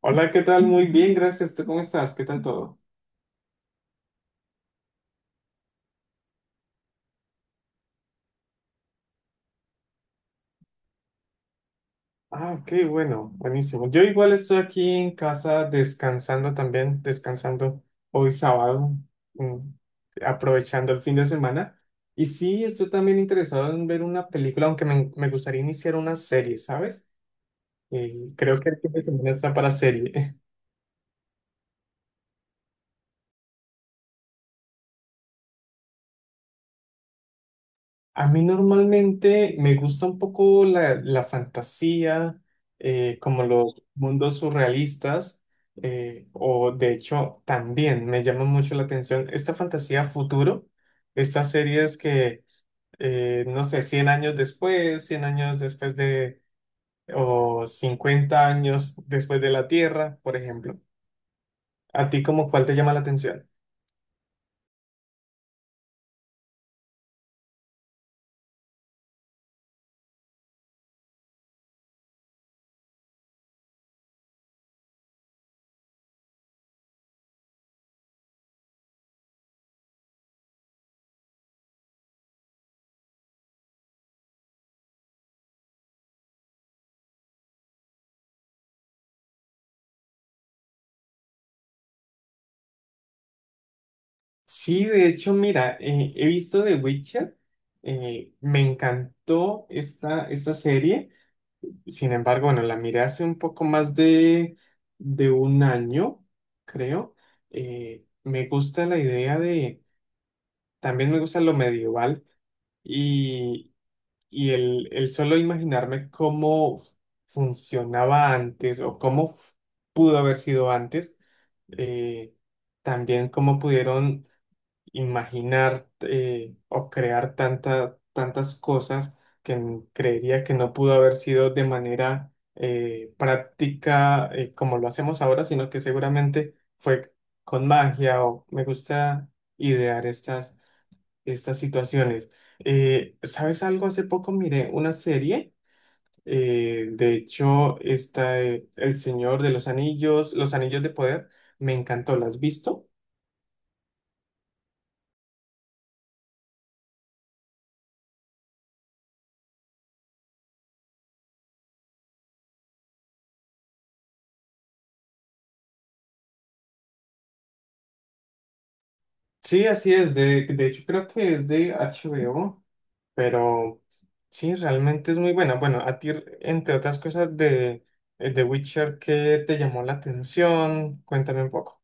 Hola, ¿qué tal? Muy bien, gracias. ¿Tú cómo estás? ¿Qué tal todo? Ok, bueno, buenísimo. Yo igual estoy aquí en casa descansando también, descansando hoy sábado, mm, aprovechando el fin de semana. Y sí, estoy también interesado en ver una película, aunque me gustaría iniciar una serie, ¿sabes? Y creo que el fin de semana está para serie. A mí normalmente me gusta un poco la fantasía, como los mundos surrealistas, o de hecho también me llama mucho la atención esta fantasía futuro, estas series que, no sé, 100 años después de, o 50 años después de la Tierra, por ejemplo. ¿A ti como cuál te llama la atención? Sí, de hecho, mira, he visto The Witcher, me encantó esta serie, sin embargo, bueno, la miré hace un poco más de un año, creo. Me gusta la idea de, también me gusta lo medieval y, y el solo imaginarme cómo funcionaba antes o cómo pudo haber sido antes, eh, también cómo pudieron imaginar o crear tantas cosas que creería que no pudo haber sido de manera práctica como lo hacemos ahora, sino que seguramente fue con magia o me gusta idear estas situaciones. ¿Sabes algo? Hace poco miré una serie. De hecho, está El Señor de los Anillos, Los Anillos de Poder. Me encantó. ¿Las has visto? Sí, así es. De hecho, creo que es de HBO, pero sí, realmente es muy buena. Bueno, a ti, entre otras cosas, de The Witcher, ¿qué te llamó la atención? Cuéntame un poco.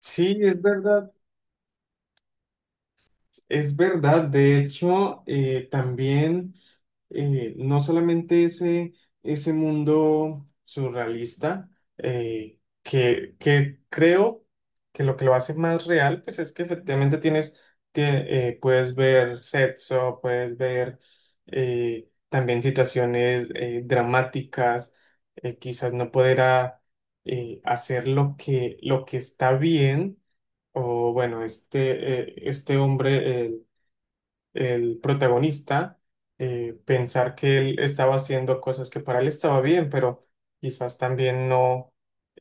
Sí, es verdad. Es verdad, de hecho, también no solamente ese, ese mundo surrealista, que creo que lo hace más real, pues es que efectivamente tienes, puedes ver sexo, puedes ver también situaciones dramáticas, quizás no poder hacer lo que está bien, o bueno, este, este hombre, el protagonista pensar que él estaba haciendo cosas que para él estaba bien, pero quizás también no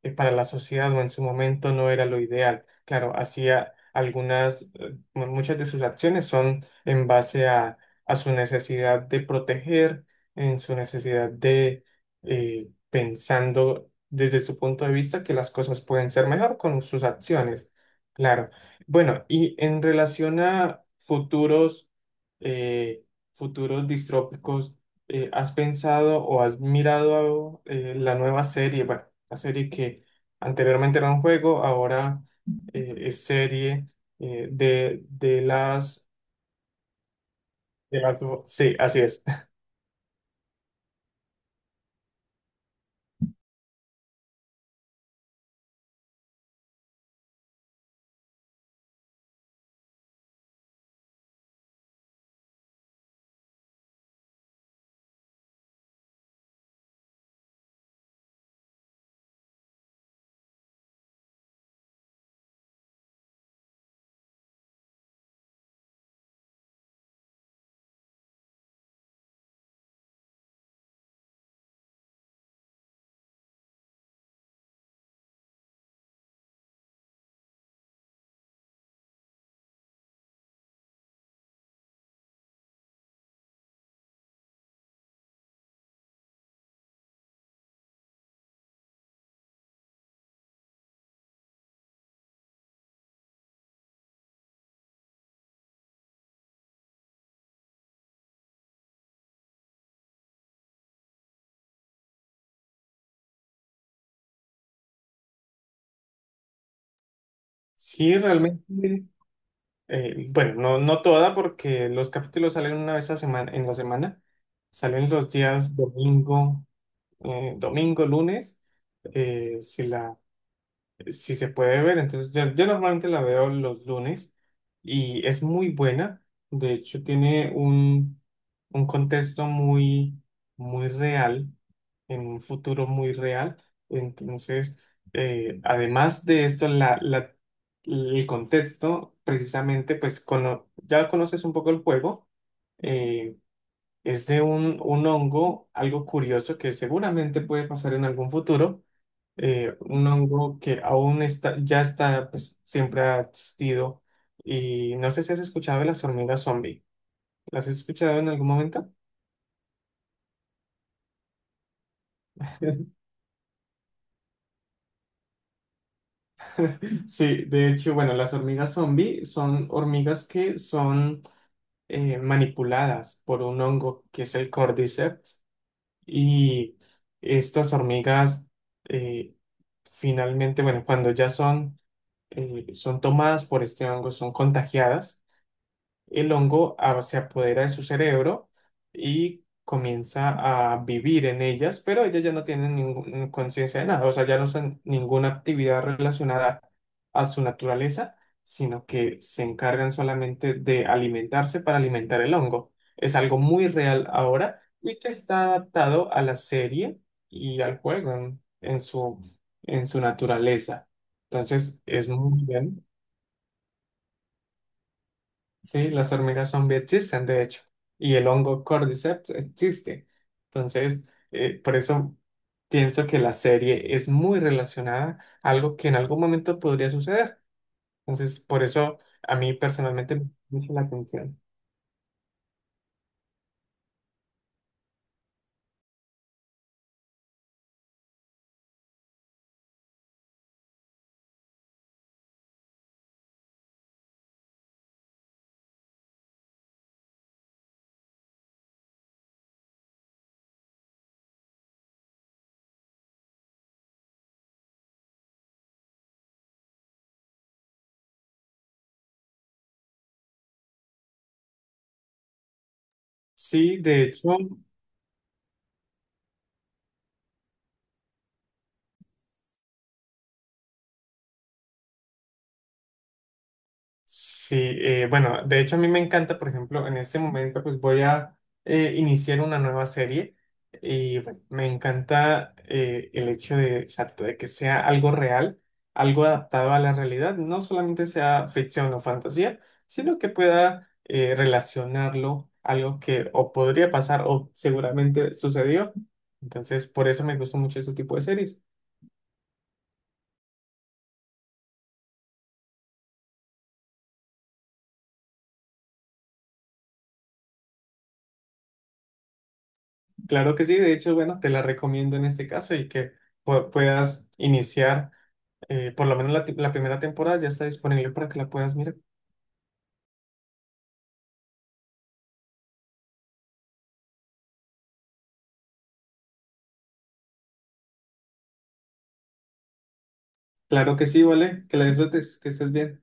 para la sociedad o en su momento no era lo ideal. Claro, hacía algunas, muchas de sus acciones son en base a su necesidad de proteger, en su necesidad de pensando desde su punto de vista que las cosas pueden ser mejor con sus acciones. Claro. Bueno, y en relación a futuros eh, futuros distrópicos, ¿has pensado o has mirado la nueva serie? Bueno, la serie que anteriormente era un juego, ahora es serie de las... De las... Sí, así es. Sí, realmente, bueno, no, no toda porque los capítulos salen una vez a semana, en la semana, salen los días domingo, domingo, lunes, eh, si la si se puede ver. Entonces, yo normalmente la veo los lunes y es muy buena. De hecho, tiene un contexto muy, muy real, en un futuro muy real. Entonces, además de esto, el contexto, precisamente, pues ya conoces un poco el juego. eh, es de un hongo, algo curioso que seguramente puede pasar en algún futuro un hongo que aún está, ya está, pues siempre ha existido. Y no sé si has escuchado de las hormigas zombie. ¿Las has escuchado en algún momento? Sí, de hecho, bueno, las hormigas zombie son hormigas que son manipuladas por un hongo que es el Cordyceps. Y estas hormigas eh, finalmente, bueno, cuando ya son, son tomadas por este hongo, son contagiadas. El hongo se apodera de su cerebro y comienza a vivir en ellas, pero ellas ya no tienen ninguna conciencia de nada, o sea, ya no hacen ninguna actividad relacionada a su naturaleza, sino que se encargan solamente de alimentarse para alimentar el hongo. Es algo muy real ahora y que está adaptado a la serie y al juego en su naturaleza. Entonces, es muy bien. Sí, las hormigas zombie existen, de hecho, y el hongo Cordyceps existe. Entonces, por eso pienso que la serie es muy relacionada a algo que en algún momento podría suceder. Entonces, por eso a mí personalmente me llama mucho la atención. Sí, de hecho, sí, bueno, de hecho a mí me encanta, por ejemplo, en este momento pues voy a iniciar una nueva serie y bueno, me encanta el hecho de, exacto, de que sea algo real, algo adaptado a la realidad, no solamente sea ficción o fantasía, sino que pueda relacionarlo, algo que o podría pasar o seguramente sucedió. Entonces, por eso me gusta mucho este tipo de series. Claro que sí, de hecho, bueno, te la recomiendo en este caso y que puedas iniciar. Por lo menos la primera temporada ya está disponible para que la puedas mirar. Claro que sí, vale. Que la disfrutes, que estés bien.